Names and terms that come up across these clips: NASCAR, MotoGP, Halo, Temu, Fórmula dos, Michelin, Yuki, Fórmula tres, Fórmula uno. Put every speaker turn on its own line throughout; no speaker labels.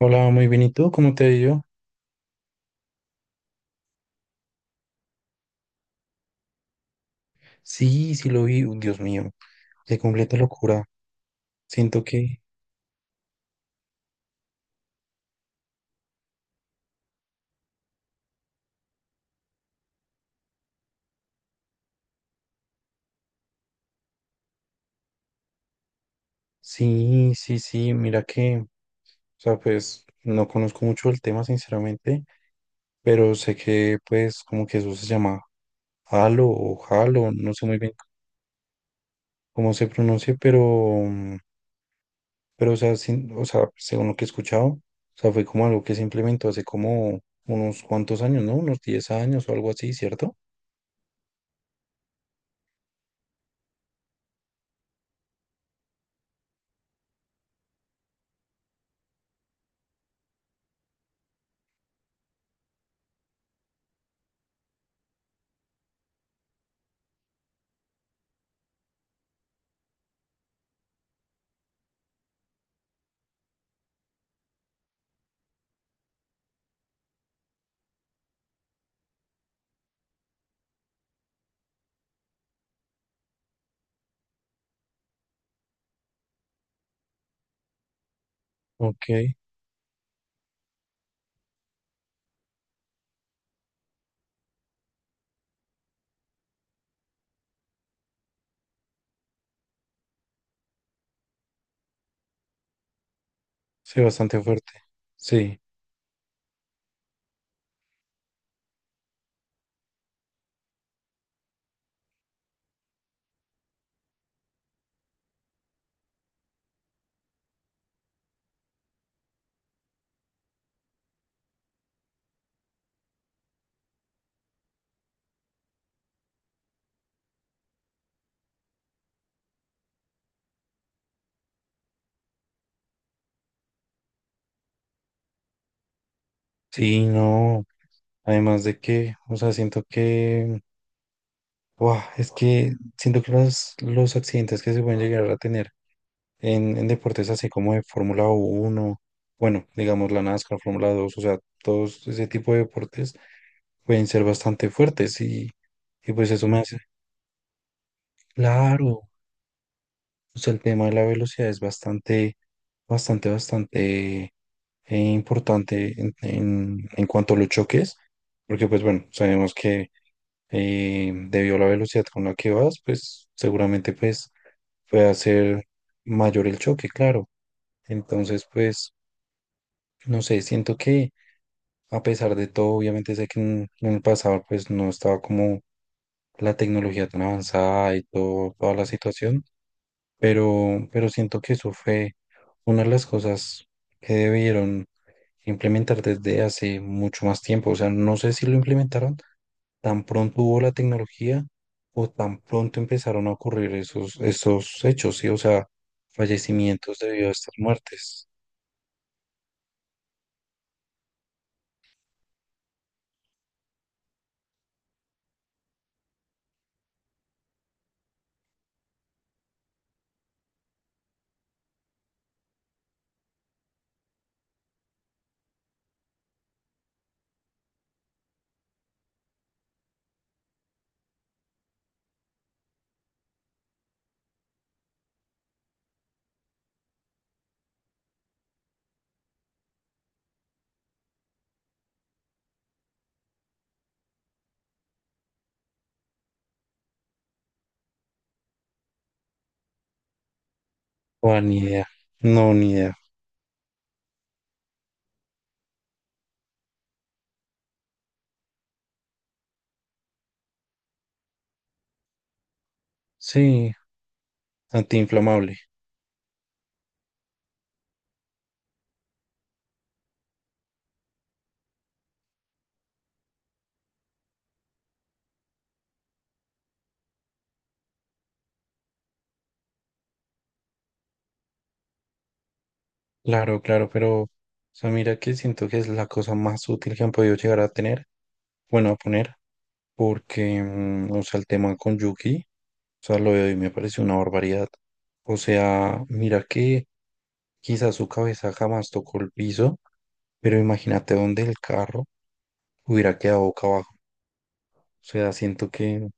Hola, muy bien. ¿Y tú? ¿Cómo te ha ido? Sí, lo vi. Uy, Dios mío, de completa locura. Siento que sí, sí, sí. Mira que, o sea, pues no conozco mucho el tema, sinceramente, pero sé que, pues, como que eso se llama Halo o Halo, no sé muy bien cómo se pronuncia, pero, mm, pero, o sea, o sea, según lo que he escuchado, o sea, fue como algo que se implementó hace como unos cuantos años, ¿no? Unos 10 años o algo así, ¿cierto? Ok, sí, bastante fuerte. Sí. Sí, no, además de que, o sea, siento que, wow, es que siento que los accidentes que se pueden llegar a tener en deportes así como de Fórmula uno, bueno, digamos la NASCAR, Fórmula dos, o sea, todos ese tipo de deportes pueden ser bastante fuertes y pues eso me hace, claro, o sea, el tema de la velocidad es bastante, bastante, bastante importante en, en cuanto a los choques, porque pues bueno, sabemos que debido a la velocidad con la que vas, pues seguramente pues puede ser mayor el choque, claro. Entonces, pues, no sé, siento que a pesar de todo, obviamente sé que en el pasado pues no estaba como la tecnología tan avanzada y todo, toda la situación, pero siento que eso fue una de las cosas que debieron implementar desde hace mucho más tiempo. O sea, no sé si lo implementaron, tan pronto hubo la tecnología o tan pronto empezaron a ocurrir esos, esos hechos, ¿sí? O sea, fallecimientos debido a estas muertes. O ni idea. No, ni idea. Sí, antiinflamable. Claro, claro, pero, o sea, mira que siento que es la cosa más útil que han podido llegar a tener, bueno, a poner, porque, o sea, el tema con Yuki, o sea, lo de hoy me pareció una barbaridad. O sea, mira que quizás su cabeza jamás tocó el piso. Pero imagínate donde el carro hubiera quedado boca abajo. O sea, siento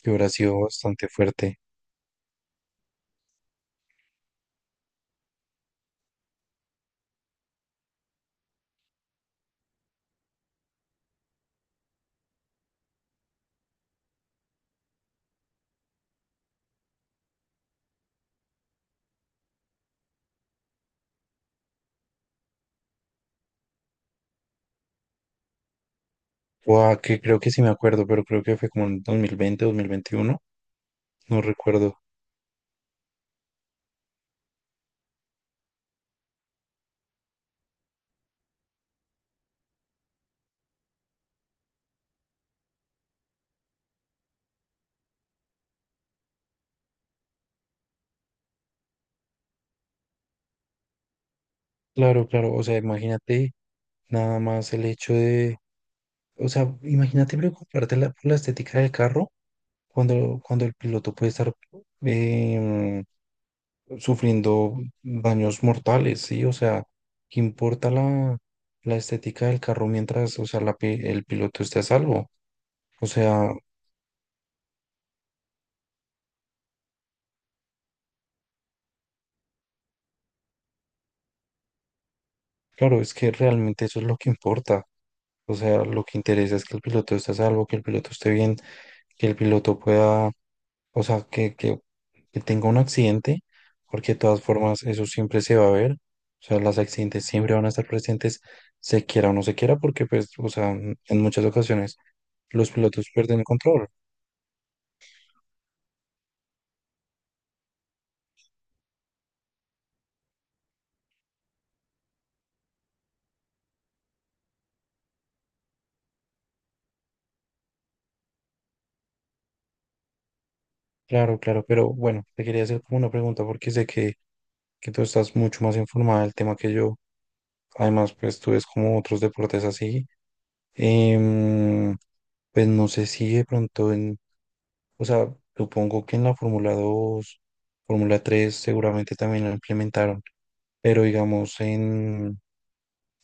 que hubiera sido bastante fuerte. O que creo que sí me acuerdo, pero creo que fue como en 2020, 2021. No recuerdo. Claro, claro. O sea, imagínate nada más el hecho de... O sea, imagínate preocuparte por la estética del carro cuando, cuando el piloto puede estar... em, sufriendo daños mortales, ¿sí? O sea, ¿qué importa la, la estética del carro mientras, o sea, el piloto esté a salvo? O sea, claro, es que realmente eso es lo que importa. O sea, lo que interesa es que el piloto esté a salvo, que el piloto esté bien, que el piloto pueda, o sea, que tenga un accidente, porque de todas formas eso siempre se va a ver. O sea, los accidentes siempre van a estar presentes, se quiera o no se quiera, porque pues, o sea, en muchas ocasiones los pilotos pierden el control. Claro, claro, pero bueno, te quería hacer como una pregunta porque sé que tú estás mucho más informada del tema que yo. Además, pues tú ves como otros deportes así. Em, pues no sé si de pronto en, o sea, supongo que en la Fórmula dos, Fórmula tres seguramente también lo implementaron, pero digamos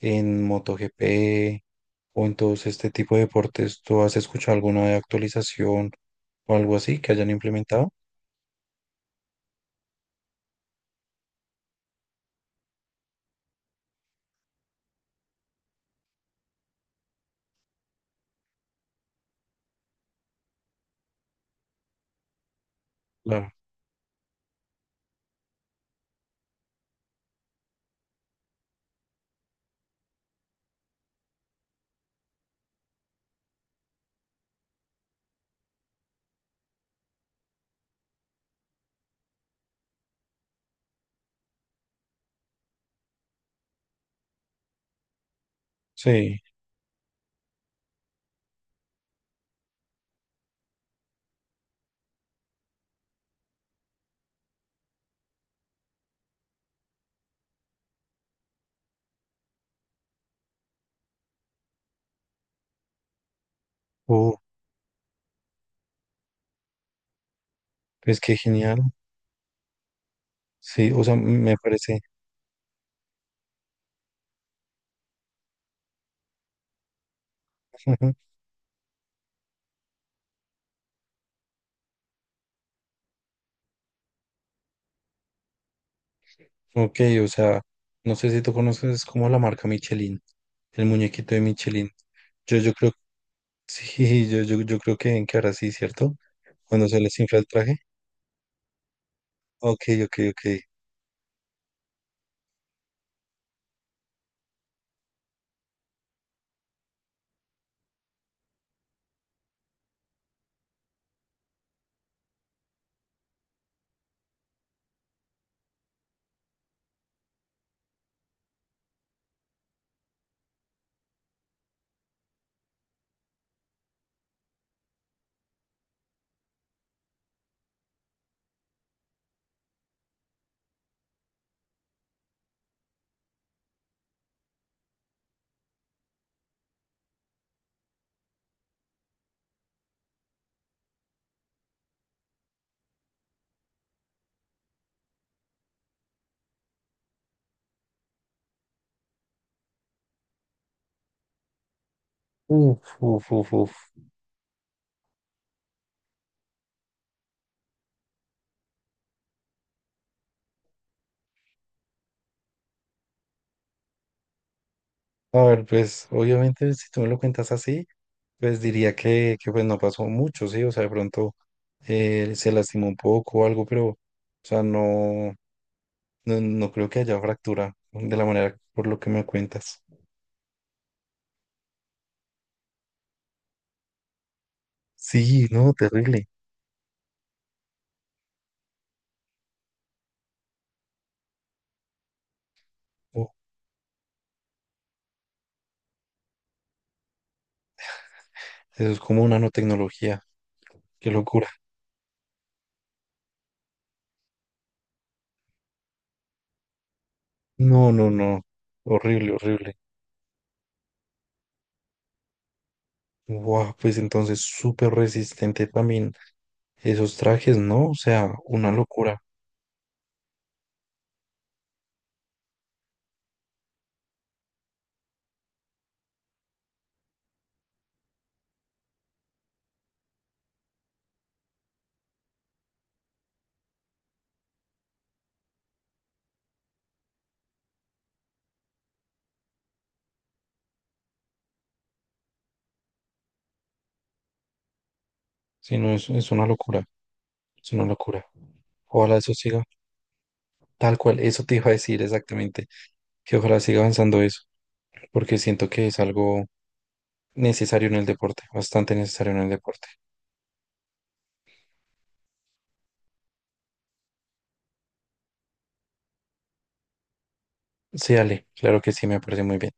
en MotoGP o en todos este tipo de deportes, ¿tú has escuchado alguna de actualización o algo así que hayan implementado? Claro. Sí. Oh, pues qué genial. Sí, o sea, me parece. Ok, o sea, no sé si tú conoces como la marca Michelin, el muñequito de Michelin. Yo creo, sí, yo creo que, ven que ahora sí, ¿cierto? Cuando se les infla el traje. Ok, ok, ok. Uf, uf, uf, uf. A ver, pues, obviamente, si tú me lo cuentas así, pues diría que pues no pasó mucho, sí, o sea, de pronto se lastimó un poco o algo, pero, o sea, no, no, no creo que haya fractura de la manera por lo que me cuentas. Sí, no, terrible. Oh, eso es como una nanotecnología. Qué locura. No, no, no. Horrible, horrible. Wow, pues entonces súper resistente también esos trajes, ¿no? O sea, una locura. Sí, no, es una locura. Es una locura. Ojalá eso siga tal cual. Eso te iba a decir exactamente. Que ojalá siga avanzando eso. Porque siento que es algo necesario en el deporte. Bastante necesario en el deporte. Sí, Ale, claro que sí, me parece muy bien.